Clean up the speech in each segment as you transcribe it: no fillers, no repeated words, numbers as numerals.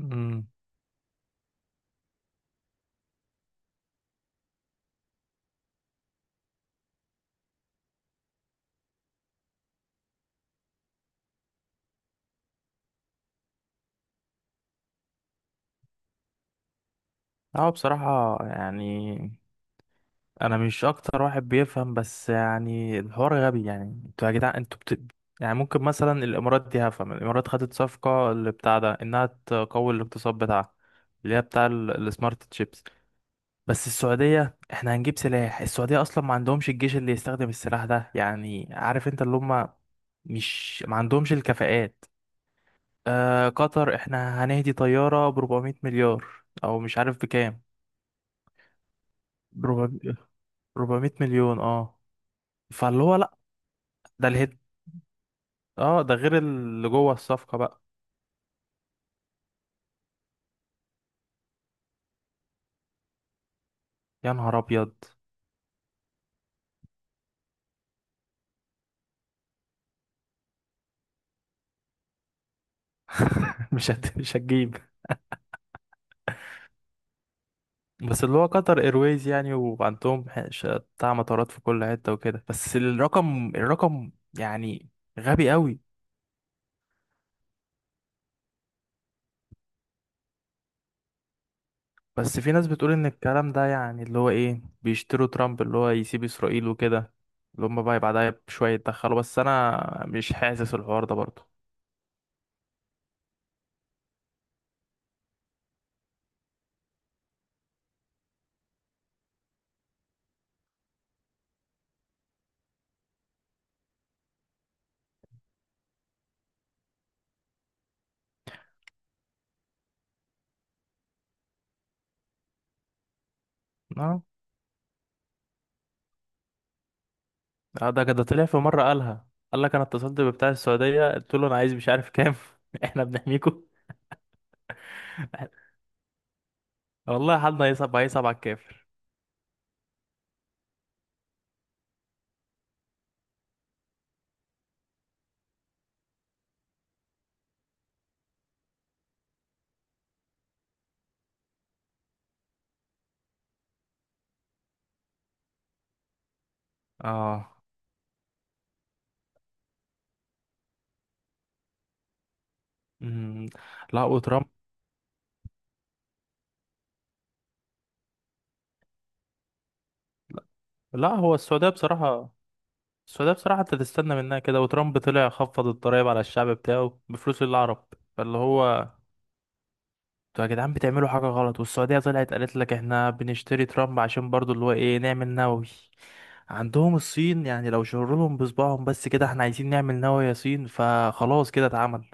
امم اه بصراحة يعني انا مش اكتر واحد بيفهم، بس يعني الحوار غبي. يعني انتوا يا جدعان يعني ممكن مثلا الامارات دي. هفهم الامارات خدت صفقة اللي بتاع ده انها تقوي الاقتصاد بتاعها، اللي هي بتاع السمارت تشيبس. بس السعودية احنا هنجيب سلاح؟ السعودية اصلا ما عندهمش الجيش اللي يستخدم السلاح ده. يعني عارف انت اللي هم مش ما عندهمش الكفاءات. قطر احنا هنهدي طيارة ب 400 مليار، او مش عارف بكام. 400 مليون، اه. فاللي هو لا ده الهيد. اه ده غير اللي جوه الصفقة بقى. يا نهار ابيض! مش هتجيب. بس اللي هو قطر ايرويز يعني، وعندهم بتاع مطارات في كل حتة وكده، بس الرقم، الرقم يعني غبي قوي. بس في ناس بتقول ان الكلام ده يعني اللي هو ايه، بيشتروا ترامب، اللي هو يسيب اسرائيل وكده، اللي هم بقى بعدها بشوية يتدخلوا، بس انا مش حاسس الحوار ده برضه. اه ده كده طلع في مرة قالها. قال لك انا اتصلت ببتاع السعودية، قلت له انا عايز مش عارف كام احنا بنحميكوا. والله حالنا هيصعب على الكافر. اه. امم لا وترامب. لا هو السعودية بصراحة. السعودية بصراحة انت تستنى منها كده. وترامب طلع خفض الضرايب على الشعب بتاعه بفلوس للعرب. فاللي هو انتوا يا جدعان بتعملوا حاجة غلط، والسعودية طلعت قالت لك احنا بنشتري ترامب عشان برضو اللي هو ايه نعمل نووي. عندهم الصين يعني، لو شروا لهم بصبعهم بس كده احنا عايزين نعمل نووي يا صين، فخلاص كده اتعمل.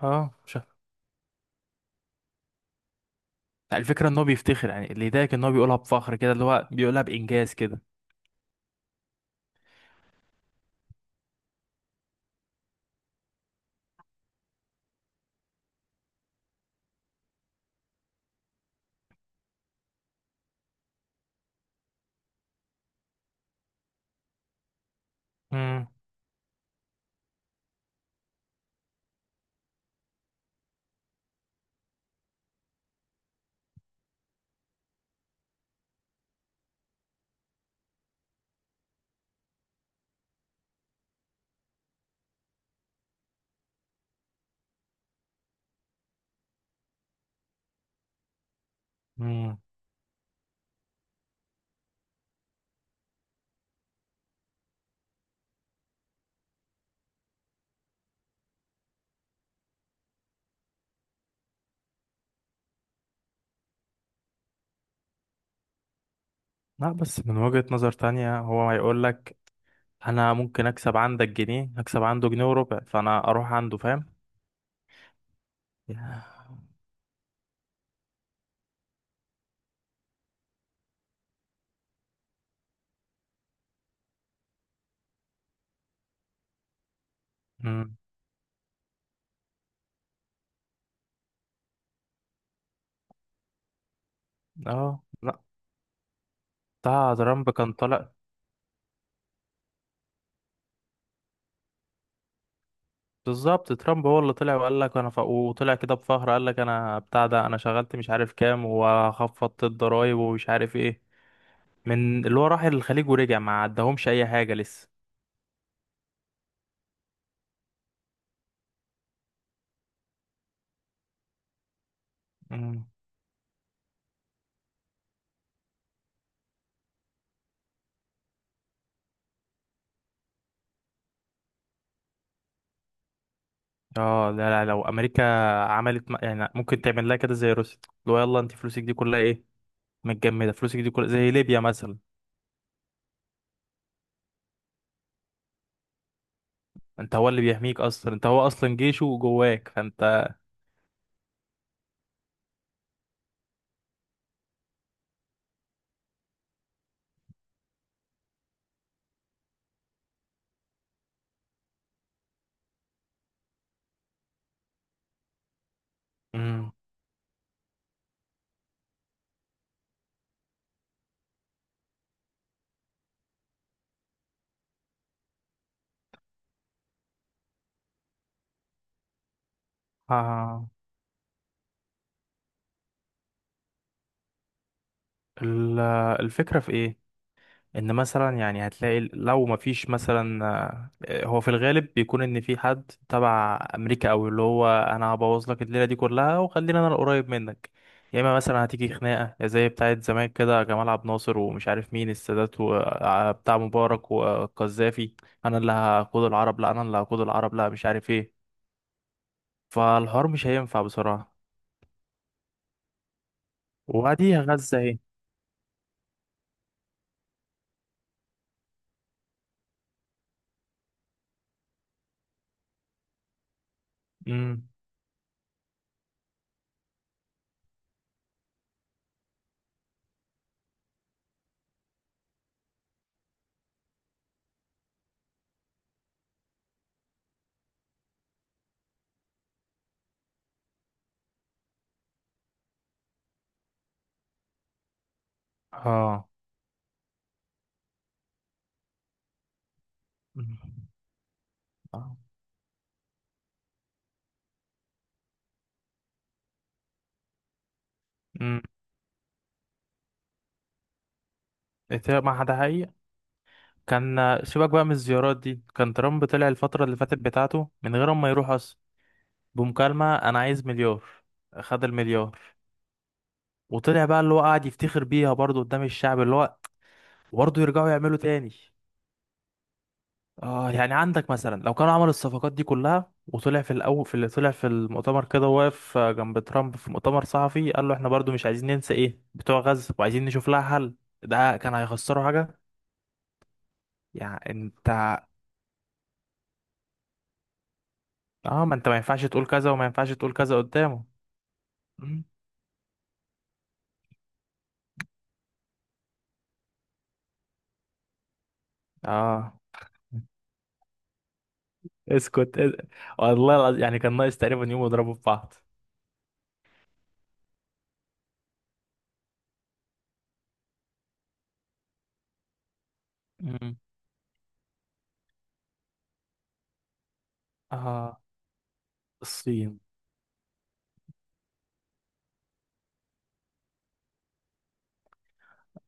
اه مش ه- الفكرة ان هو بيفتخر، يعني اللي يضايقك ان هو بيقولها بفخر كده، اللي هو بيقولها بإنجاز كده. امم امم لا بس من وجهة نظر تانية هو هيقول لك انا ممكن اكسب عندك جنيه، اكسب عنده جنيه وربع، فانا اروح عنده، فاهم يا. امم اه لا بتاع ترامب كان طالع. بالظبط ترامب هو اللي طلع وقال لك وطلع كده بفخر، قال لك انا بتاع ده، انا شغلت مش عارف كام، وخفضت الضرايب ومش عارف ايه. من اللي هو راح الخليج ورجع ما عدهمش اي حاجه لسه. مم. اه لا، لو امريكا يعني ممكن تعمل لها كده زي روسيا. لو يلا انت فلوسك دي كلها ايه، متجمده، فلوسك دي كلها زي ليبيا مثلا. انت هو اللي بيحميك اصلا، انت هو اصلا جيشه جواك فانت. مم. آه. ال- الفكره في ايه؟ ان مثلا يعني هتلاقي لو مفيش مثلا آه، هو في الغالب بيكون ان في حد تبع امريكا، او اللي هو انا هبوظ لك الليله دي كلها وخلينا انا القريب منك، يا اما مثلا هتيجي خناقه زي بتاعه زمان كده، جمال عبد الناصر ومش عارف مين، السادات وبتاع مبارك والقذافي، انا اللي هقود العرب، لا انا اللي هقود العرب، لا مش عارف ايه. فالحوار مش هينفع بصراحه. وبعديها غزه ايه؟ امم اه امم آه. مم. ما ده حقيقي. كان سيبك بقى من الزيارات دي، كان ترامب طلع الفترة اللي فاتت بتاعته من غير ما يروح أصلا، بمكالمة: أنا عايز مليار، خد المليار. وطلع بقى اللي هو قاعد يفتخر بيها برضه قدام الشعب، اللي هو برضه يرجعوا يعملوا تاني. اه. يعني عندك مثلا لو كانوا عملوا الصفقات دي كلها وطلع في الأول في اللي طلع في المؤتمر كده، واقف جنب ترامب في مؤتمر صحفي قال له احنا برضه مش عايزين ننسى ايه بتوع غزة، وعايزين نشوف لها حل، ده كان هيخسروا حاجة؟ يعني انت. اه ما انت ما ينفعش تقول كذا وما ينفعش تقول كذا قدامه. مم. اه. اسكت اس- والله العظيم يعني كان ناقص تقريبا يوم يضربوا في بعض. مم. اه. الصين.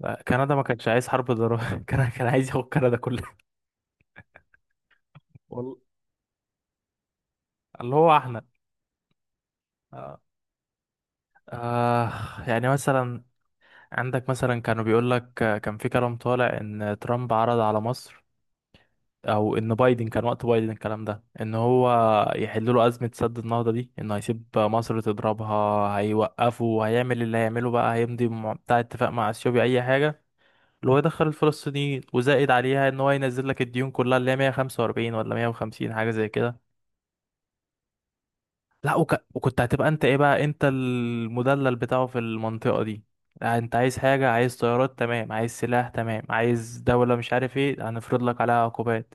لا، كندا ما كانش عايز حرب ضرورية كان عايز ياخد كندا كلها. والله. اللي هو احنا. آه. آه. يعني مثلا عندك مثلا كانوا بيقول لك، كان في كلام طالع ان ترامب عرض على مصر، او ان بايدن كان، وقت بايدن الكلام ده، ان هو يحل له ازمه سد النهضه دي، انه هيسيب مصر تضربها، هيوقفوا، هيعمل اللي هيعمله بقى، بتاع اتفاق مع اثيوبيا اي حاجه، اللي هو يدخل الفلسطينيين، وزائد عليها ان هو ينزل لك الديون كلها اللي هي 145 ولا 150 حاجه زي كده. لا وك... وكنت هتبقى انت ايه بقى، انت المدلل بتاعه في المنطقه دي. لا، انت عايز حاجه، عايز طيارات تمام، عايز سلاح تمام، عايز دوله مش عارف ايه هنفرض لك عليها عقوبات.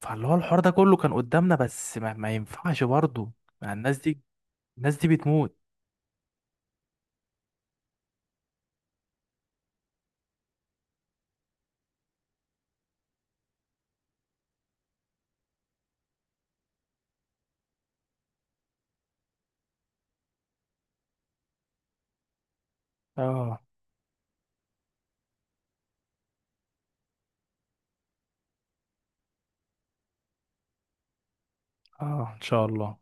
فاللي هو الحوار ده كله كان قدامنا، بس ما ينفعش برضه مع الناس دي. الناس دي بتموت. اه. اه ان شاء الله.